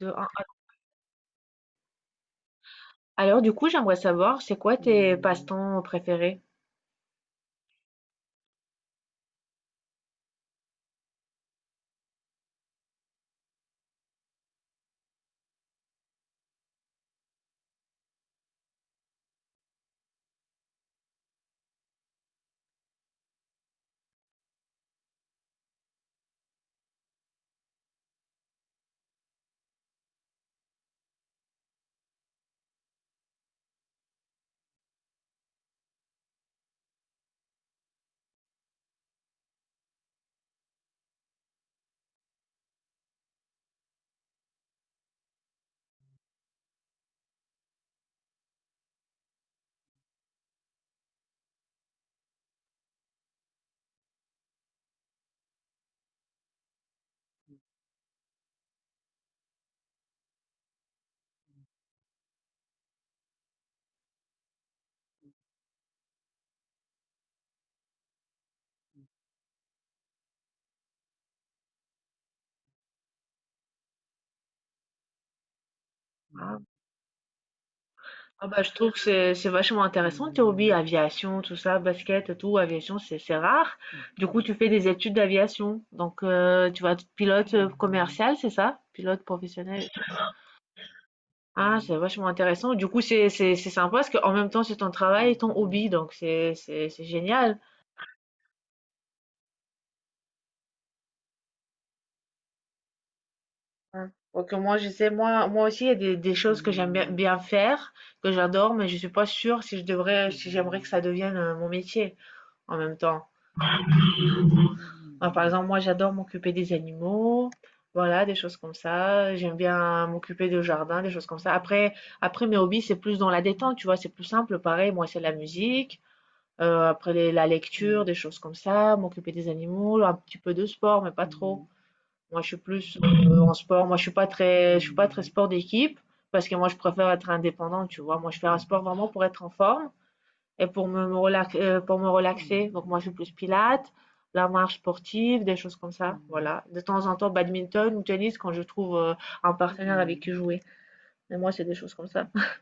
De un à j'aimerais savoir, c'est quoi tes passe-temps préférés? Ah. Ah bah, je trouve que c'est vachement intéressant tes hobbies, aviation, tout ça, basket et tout, aviation, c'est rare. Du coup, tu fais des études d'aviation. Donc tu vas être pilote commercial, c'est ça? Pilote professionnel. Ah, c'est vachement intéressant. Du coup, c'est sympa parce qu'en même temps, c'est ton travail et ton hobby, donc c'est génial. Ouais. Donc moi je sais, moi, moi aussi il y a des choses que j'aime bien, bien faire, que j'adore, mais je suis pas sûre si je devrais, si j'aimerais que ça devienne mon métier en même temps. Enfin, par exemple, moi j'adore m'occuper des animaux, voilà, des choses comme ça. J'aime bien m'occuper de jardin, des choses comme ça. Après, après mes hobbies, c'est plus dans la détente, tu vois, c'est plus simple. Pareil, moi c'est la musique, la lecture, des choses comme ça, m'occuper des animaux, un petit peu de sport, mais pas trop. Moi, je suis plus en sport. Moi, je suis pas très sport d'équipe parce que moi, je préfère être indépendante, tu vois. Moi, je fais un sport vraiment pour être en forme et pour pour me relaxer. Donc, moi, je suis plus pilates, la marche sportive, des choses comme ça. Voilà. De temps en temps, badminton ou tennis quand je trouve un partenaire avec qui jouer. Mais moi, c'est des choses comme ça.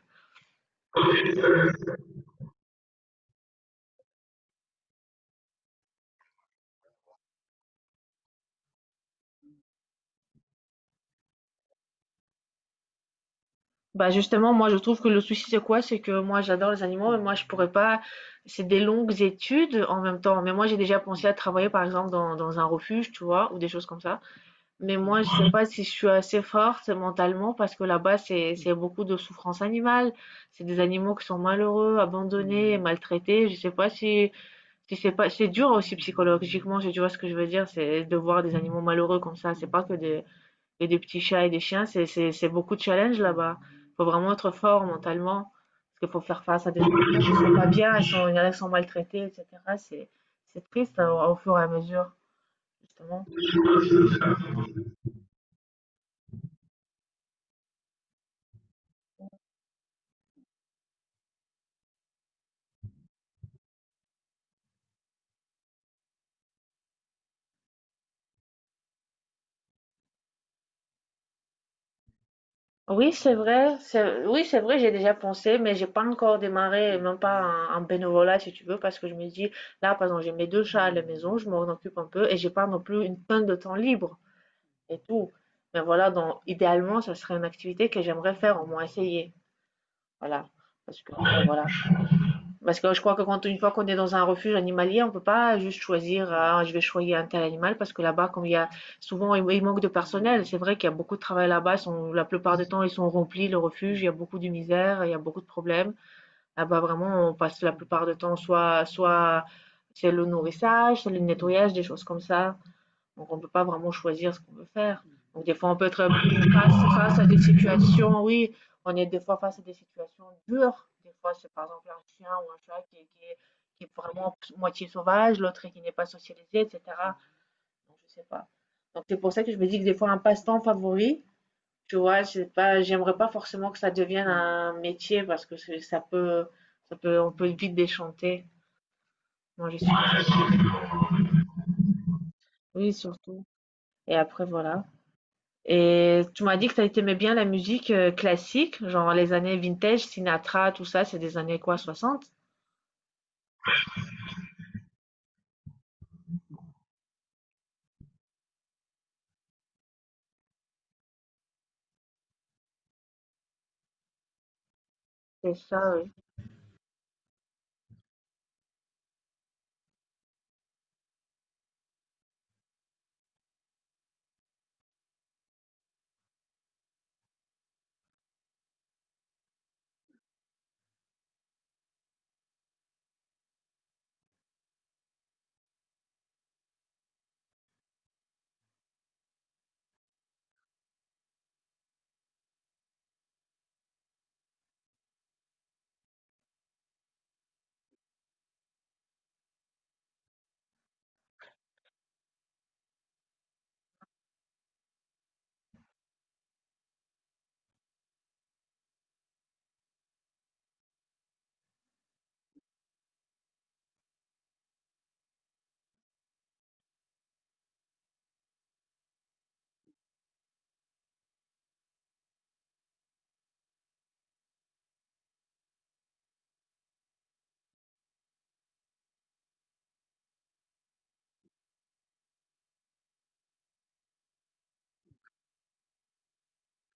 Bah, justement, moi, je trouve que le souci, c'est quoi? C'est que moi, j'adore les animaux, mais moi, je pourrais pas. C'est des longues études en même temps. Mais moi, j'ai déjà pensé à travailler, par exemple, dans un refuge, tu vois, ou des choses comme ça. Mais moi, je sais pas si je suis assez forte mentalement parce que là-bas, c'est beaucoup de souffrance animale. C'est des animaux qui sont malheureux, abandonnés, maltraités. Je sais pas si si c'est dur aussi psychologiquement. Si tu vois ce que je veux dire, c'est de voir des animaux malheureux comme ça. C'est pas que des petits chats et des chiens. C'est beaucoup de challenge là-bas. Faut vraiment être fort mentalement parce qu'il faut faire face à des animaux qui sont pas bien, ils sont, il y en a qui sont maltraités, etc. C'est c'est triste hein, au fur et à mesure justement. Oui, c'est vrai. Oui, c'est vrai, j'ai déjà pensé, mais j'ai pas encore démarré, même pas en bénévolat, si tu veux, parce que je me dis, là, par exemple, j'ai mes deux chats à la maison, je m'en occupe un peu et j'ai pas non plus une tonne de temps libre et tout. Mais voilà, donc, idéalement, ça serait une activité que j'aimerais faire, au moins essayer. Voilà. Parce que, bon, voilà. Parce que je crois que quand une fois qu'on est dans un refuge animalier, on peut pas juste choisir, ah, je vais choisir un tel animal, parce que là-bas, comme il y a souvent, il manque de personnel. C'est vrai qu'il y a beaucoup de travail là-bas. La plupart du temps, ils sont remplis, le refuge. Il y a beaucoup de misère, il y a beaucoup de problèmes. Là-bas, vraiment, on passe la plupart du temps, soit c'est le nourrissage, c'est le nettoyage, des choses comme ça. Donc on ne peut pas vraiment choisir ce qu'on veut faire. Donc des fois, on peut être face à des situations, oui, on est des fois face à des situations dures. Des fois, c'est par exemple un chien ou un chat qui est vraiment moitié sauvage, l'autre qui n'est pas socialisé, etc. Donc, je sais pas. Donc c'est pour ça que je me dis que des fois, un passe-temps favori, tu vois, c'est pas, j'aimerais pas forcément que ça devienne un métier parce que ça peut, on peut vite déchanter. Moi, je suis. Oui, surtout. Et après, voilà. Et tu m'as dit que tu aimais bien la musique classique, genre les années vintage, Sinatra, tout ça, c'est des années quoi, 60? C'est ça, oui.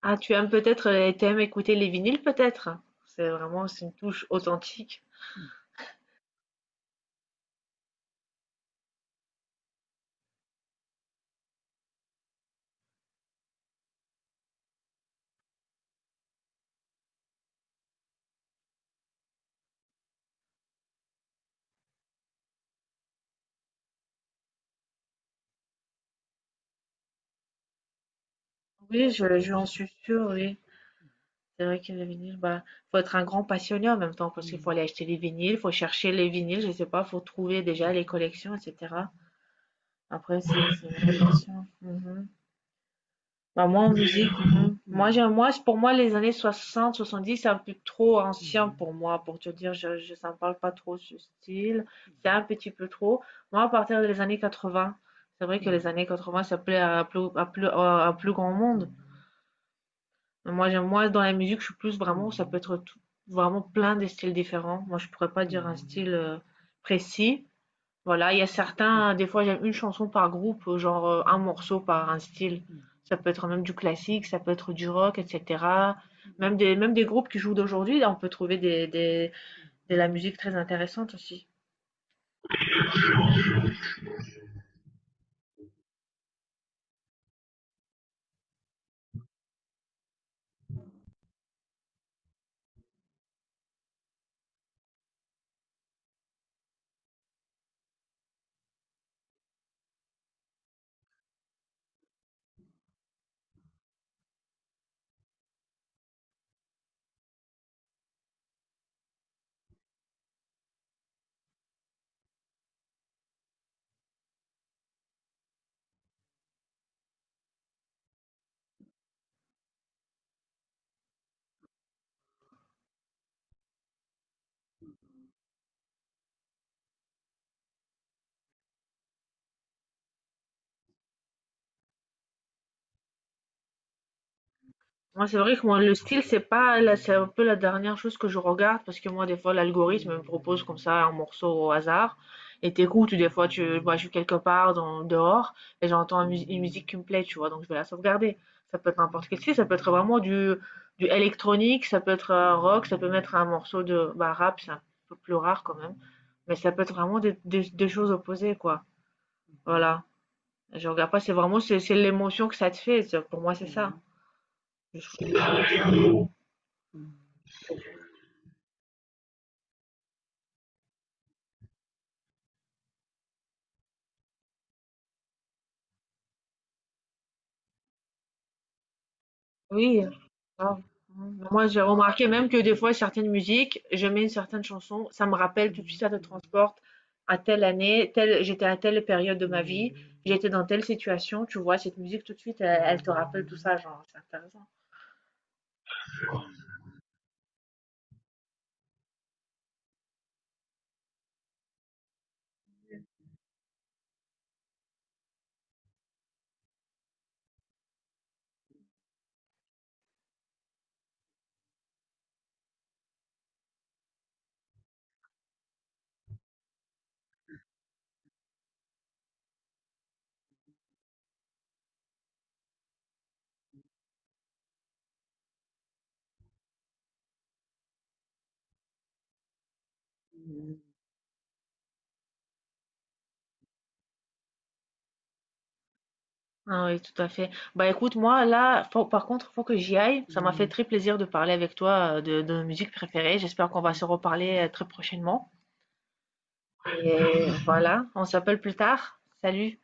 Ah, tu aimes peut-être, tu aimes écouter les vinyles peut-être? C'est vraiment, c'est une touche authentique. Oui, je, j'en suis sûre, oui. C'est vrai que les vinyles, bah, faut être un grand passionné en même temps, parce qu'il faut Mhm. aller acheter les vinyles, faut chercher les vinyles, je sais pas, faut trouver déjà les collections, etc. Après, c'est une vraie passion. Bah, moi, en musique, mhm. moi, j'aime, moi, pour moi, les années 60, 70, c'est un peu trop ancien pour moi, pour te dire, ça me parle pas trop ce style. C'est un petit peu trop. Moi, à partir des années 80, c'est vrai que les années 80, ça plaît à un plus grand monde. Mais moi, j'aime, moi, dans la musique, je suis plus vraiment, ça peut être vraiment plein de styles différents. Moi, je pourrais pas dire un style précis. Voilà, il y a certains, des fois j'aime une chanson par groupe, un morceau par un style. Ça peut être même du classique, ça peut être du rock, etc. Même des groupes qui jouent d'aujourd'hui, là on peut trouver de la musique très intéressante aussi. Moi, c'est vrai que moi, le style, c'est pas, là, c'est un peu la dernière chose que je regarde parce que moi, des fois, l'algorithme me propose comme ça un morceau au hasard et t'écoutes. Ou Des fois, je suis quelque part dehors et j'entends une musique qui me plaît, tu vois, donc je vais la sauvegarder. Ça peut être n'importe quel style, ça peut être vraiment du électronique, ça peut être un rock, ça peut mettre un morceau de bah, rap, c'est un peu plus rare quand même, mais ça peut être vraiment des choses opposées, quoi. Voilà. Je regarde pas, c'est vraiment, c'est l'émotion que ça te fait. Pour moi, c'est ça. Je- Oui, grave. Mmh. Moi, j'ai remarqué même que des fois, certaines musiques, je mets une certaine chanson, ça me rappelle tout de suite, ça te transporte à telle année, telle, j'étais à telle période de ma vie, j'étais dans telle situation, tu vois, cette musique tout de suite, elle te rappelle tout ça, genre, c'est intéressant. Ah oui, tout à fait. Bah écoute, moi, là, faut que j'y aille. Ça m'a fait très plaisir de parler avec toi de nos musiques préférées. J'espère qu'on va se reparler très prochainement. Et voilà, on s'appelle plus tard. Salut.